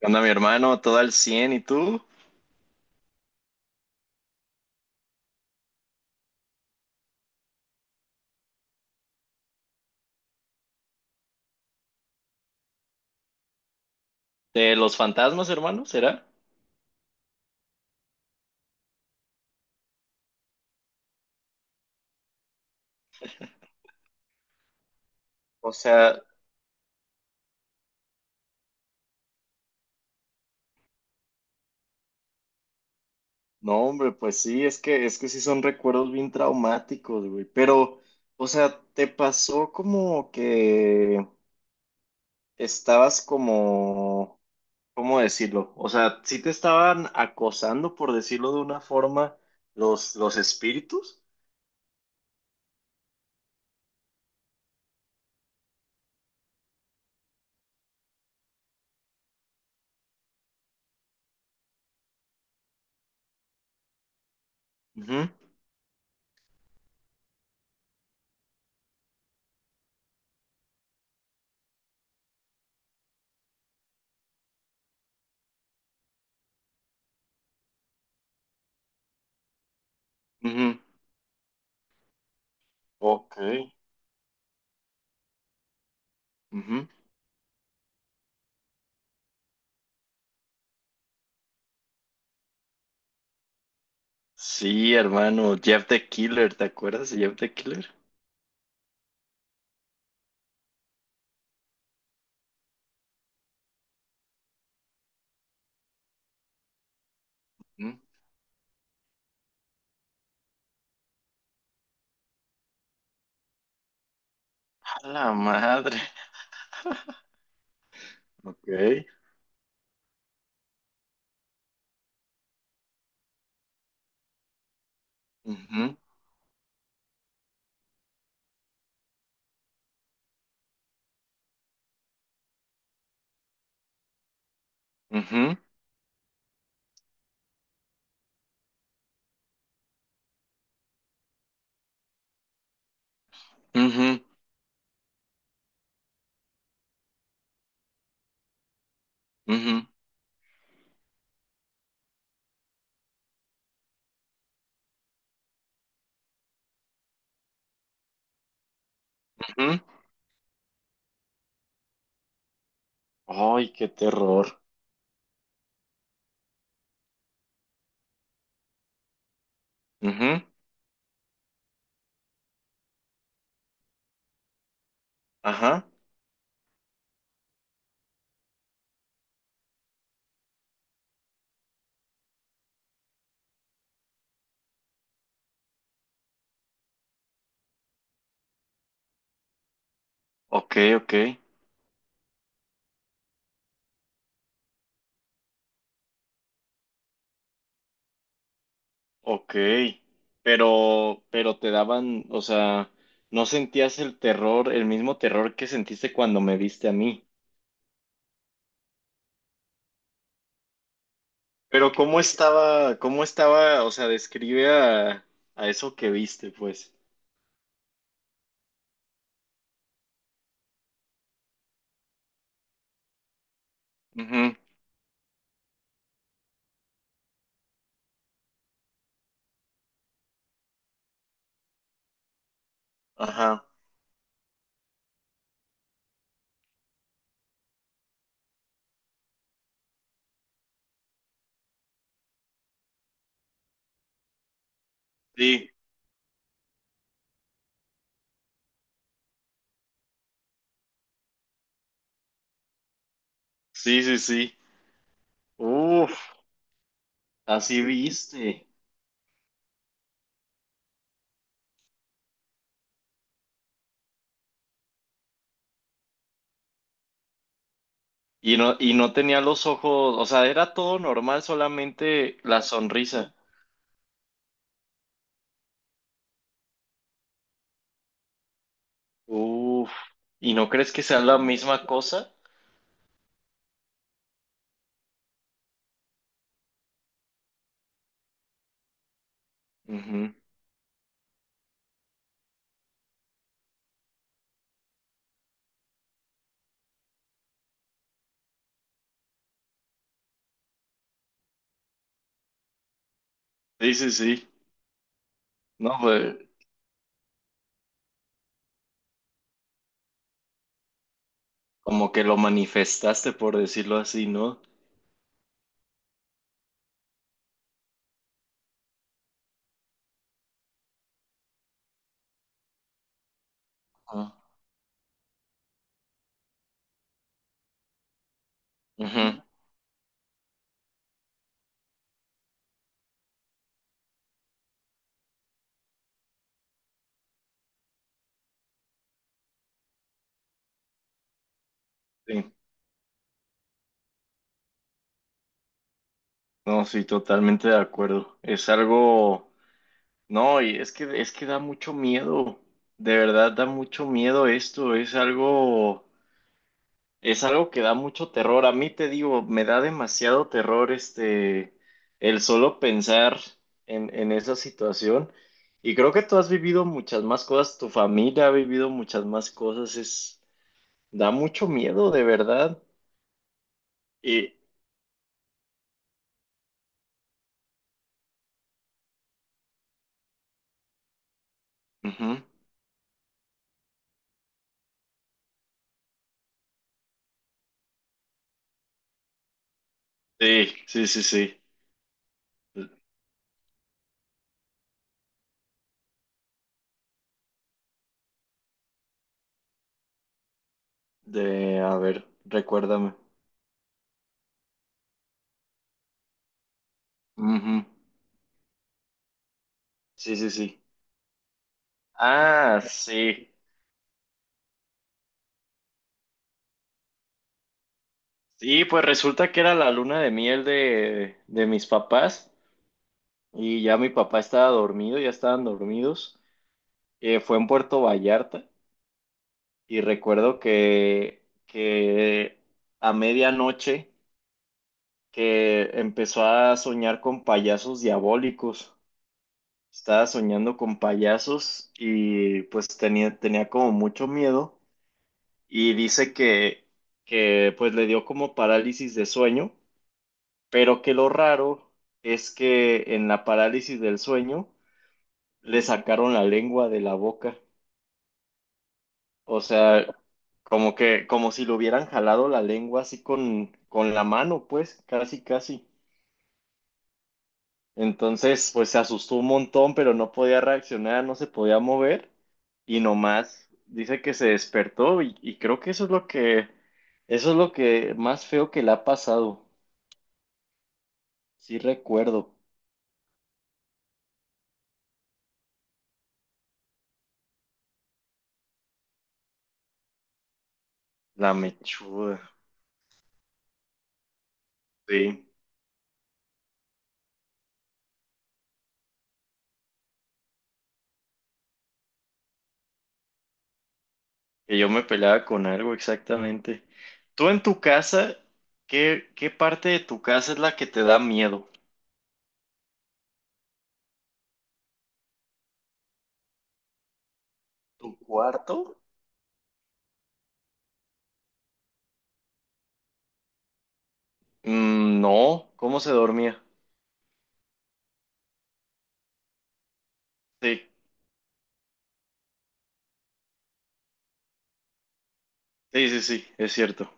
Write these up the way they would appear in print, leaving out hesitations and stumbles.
¿Qué onda, mi hermano? Todo al cien, ¿y tú? ¿De los fantasmas, hermano? ¿Será? O sea, no, hombre, pues sí, es que sí son recuerdos bien traumáticos, güey. Pero, o sea, ¿te pasó como que estabas como, cómo decirlo? O sea, ¿sí te estaban acosando, por decirlo de una forma, los espíritus? Ujú, ujú. Ok. Ujú. Sí, hermano, Jeff the Killer, ¿te acuerdas de Jeff the Killer? A la madre. Ok. Ujú, ujú, ujú, ujú, ujú. Ay, qué terror. Ujú. Ajá. Ok, ok, ok. Pero te daban, o sea, no sentías el terror, el mismo terror que sentiste cuando me viste a mí. Pero cómo estaba, o sea, describe a eso que viste, pues. Ujú. Ajá. Sí, sí, sí, sí. Uf, así viste. Y no tenía los ojos, o sea, era todo normal, solamente la sonrisa. Uf, ¿y no crees que sea la misma cosa? Ujú. Sí, sí, sí. No, pues como que lo manifestaste, por decirlo así, ¿no? Ah. Ujú. Sí, no, sí, totalmente de acuerdo. Es algo, no, y es que da mucho miedo, de verdad da mucho miedo esto, es algo. Es algo que da mucho terror. A mí te digo, me da demasiado terror este, el solo pensar en esa situación. Y creo que tú has vivido muchas más cosas, tu familia ha vivido muchas más cosas. Es, da mucho miedo, de verdad. Y ujú, sí, sí, sí, sí. De, a ver, recuérdame. Ujú. Sí, sí, sí. Ah, sí. Sí, pues resulta que era la luna de miel de mis papás. Y ya mi papá estaba dormido, ya estaban dormidos. Fue en Puerto Vallarta y recuerdo que a medianoche, que empezó a soñar con payasos diabólicos. Estaba soñando con payasos y pues tenía, tenía como mucho miedo y dice que pues le dio como parálisis de sueño, pero que lo raro es que en la parálisis del sueño le sacaron la lengua de la boca. O sea, como que, como si lo hubieran jalado la lengua así con la mano, pues, casi, casi. Entonces, pues se asustó un montón, pero no podía reaccionar, no se podía mover. Y nomás dice que se despertó y creo que eso es lo que más feo que le ha pasado. Sí recuerdo, la mechuda. Sí, que yo me peleaba con algo, exactamente. Tú en tu casa, ¿qué, qué parte de tu casa es la que te da miedo? ¿Tu cuarto? Mm, no, ¿cómo se dormía? Sí, sí, sí, sí, es cierto.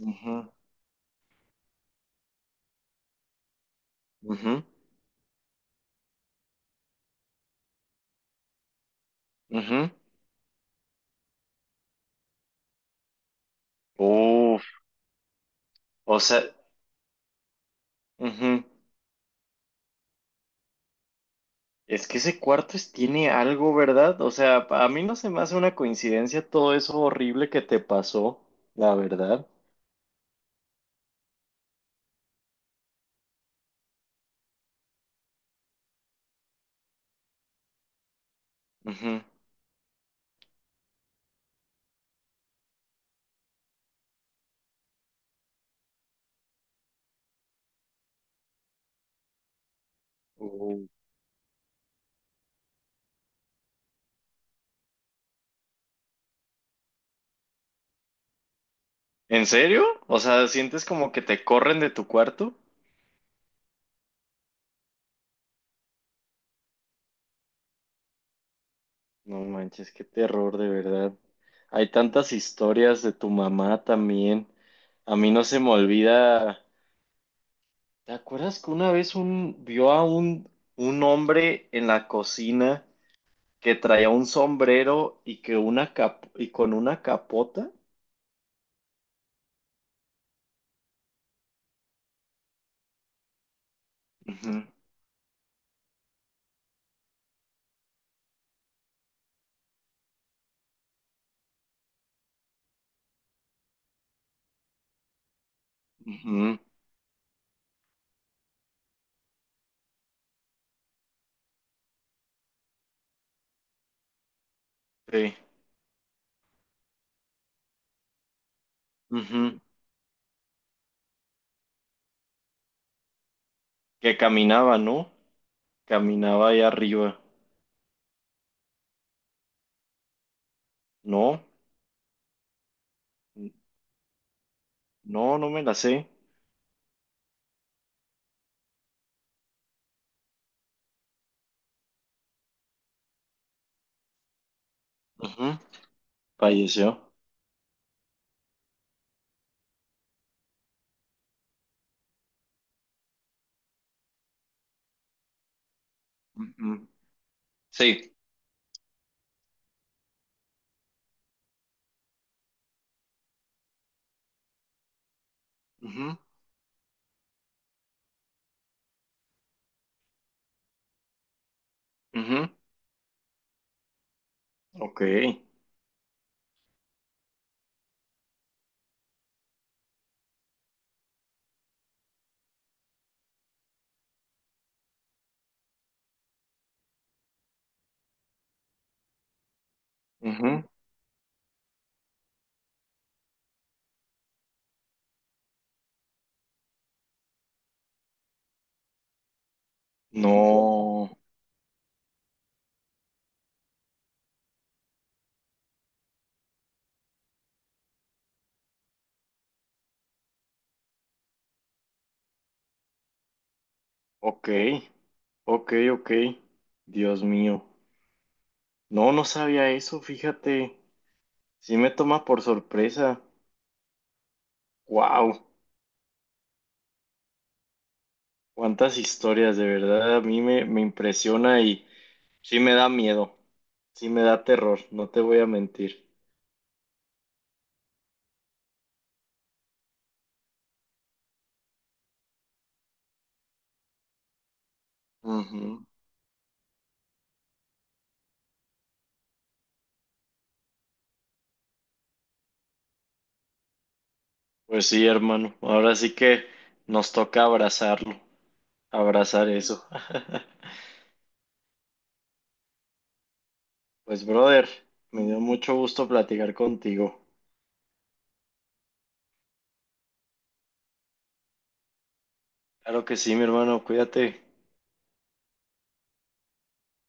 Ujú, ujú, ujú. Uf, o sea, ujú. Es que ese cuarto es, tiene algo, ¿verdad? O sea, a mí no se me hace una coincidencia todo eso horrible que te pasó, la verdad. Ujú. Uh. ¿En serio? O sea, ¿sientes como que te corren de tu cuarto? No manches, qué terror, de verdad. Hay tantas historias de tu mamá también. A mí no se me olvida. ¿Te acuerdas que una vez un vio a un hombre en la cocina que traía un sombrero y que una y con una capota? Ujú, ujú, sí, ujú. Que caminaba, ¿no? Caminaba ahí arriba. No, no, no me la sé. Ujú. Falleció. Ujú. Sí. Ujú. Ujú. Ok. Ujú. No. Ok. Ok, ok. Dios mío. No, no sabía eso, fíjate. Sí me toma por sorpresa. Wow. Cuántas historias, de verdad. A mí me impresiona y sí me da miedo. Sí me da terror, no te voy a mentir. Ujú. Pues sí, hermano. Ahora sí que nos toca abrazarlo. Abrazar eso. Pues, brother, me dio mucho gusto platicar contigo. Claro que sí, mi hermano, cuídate.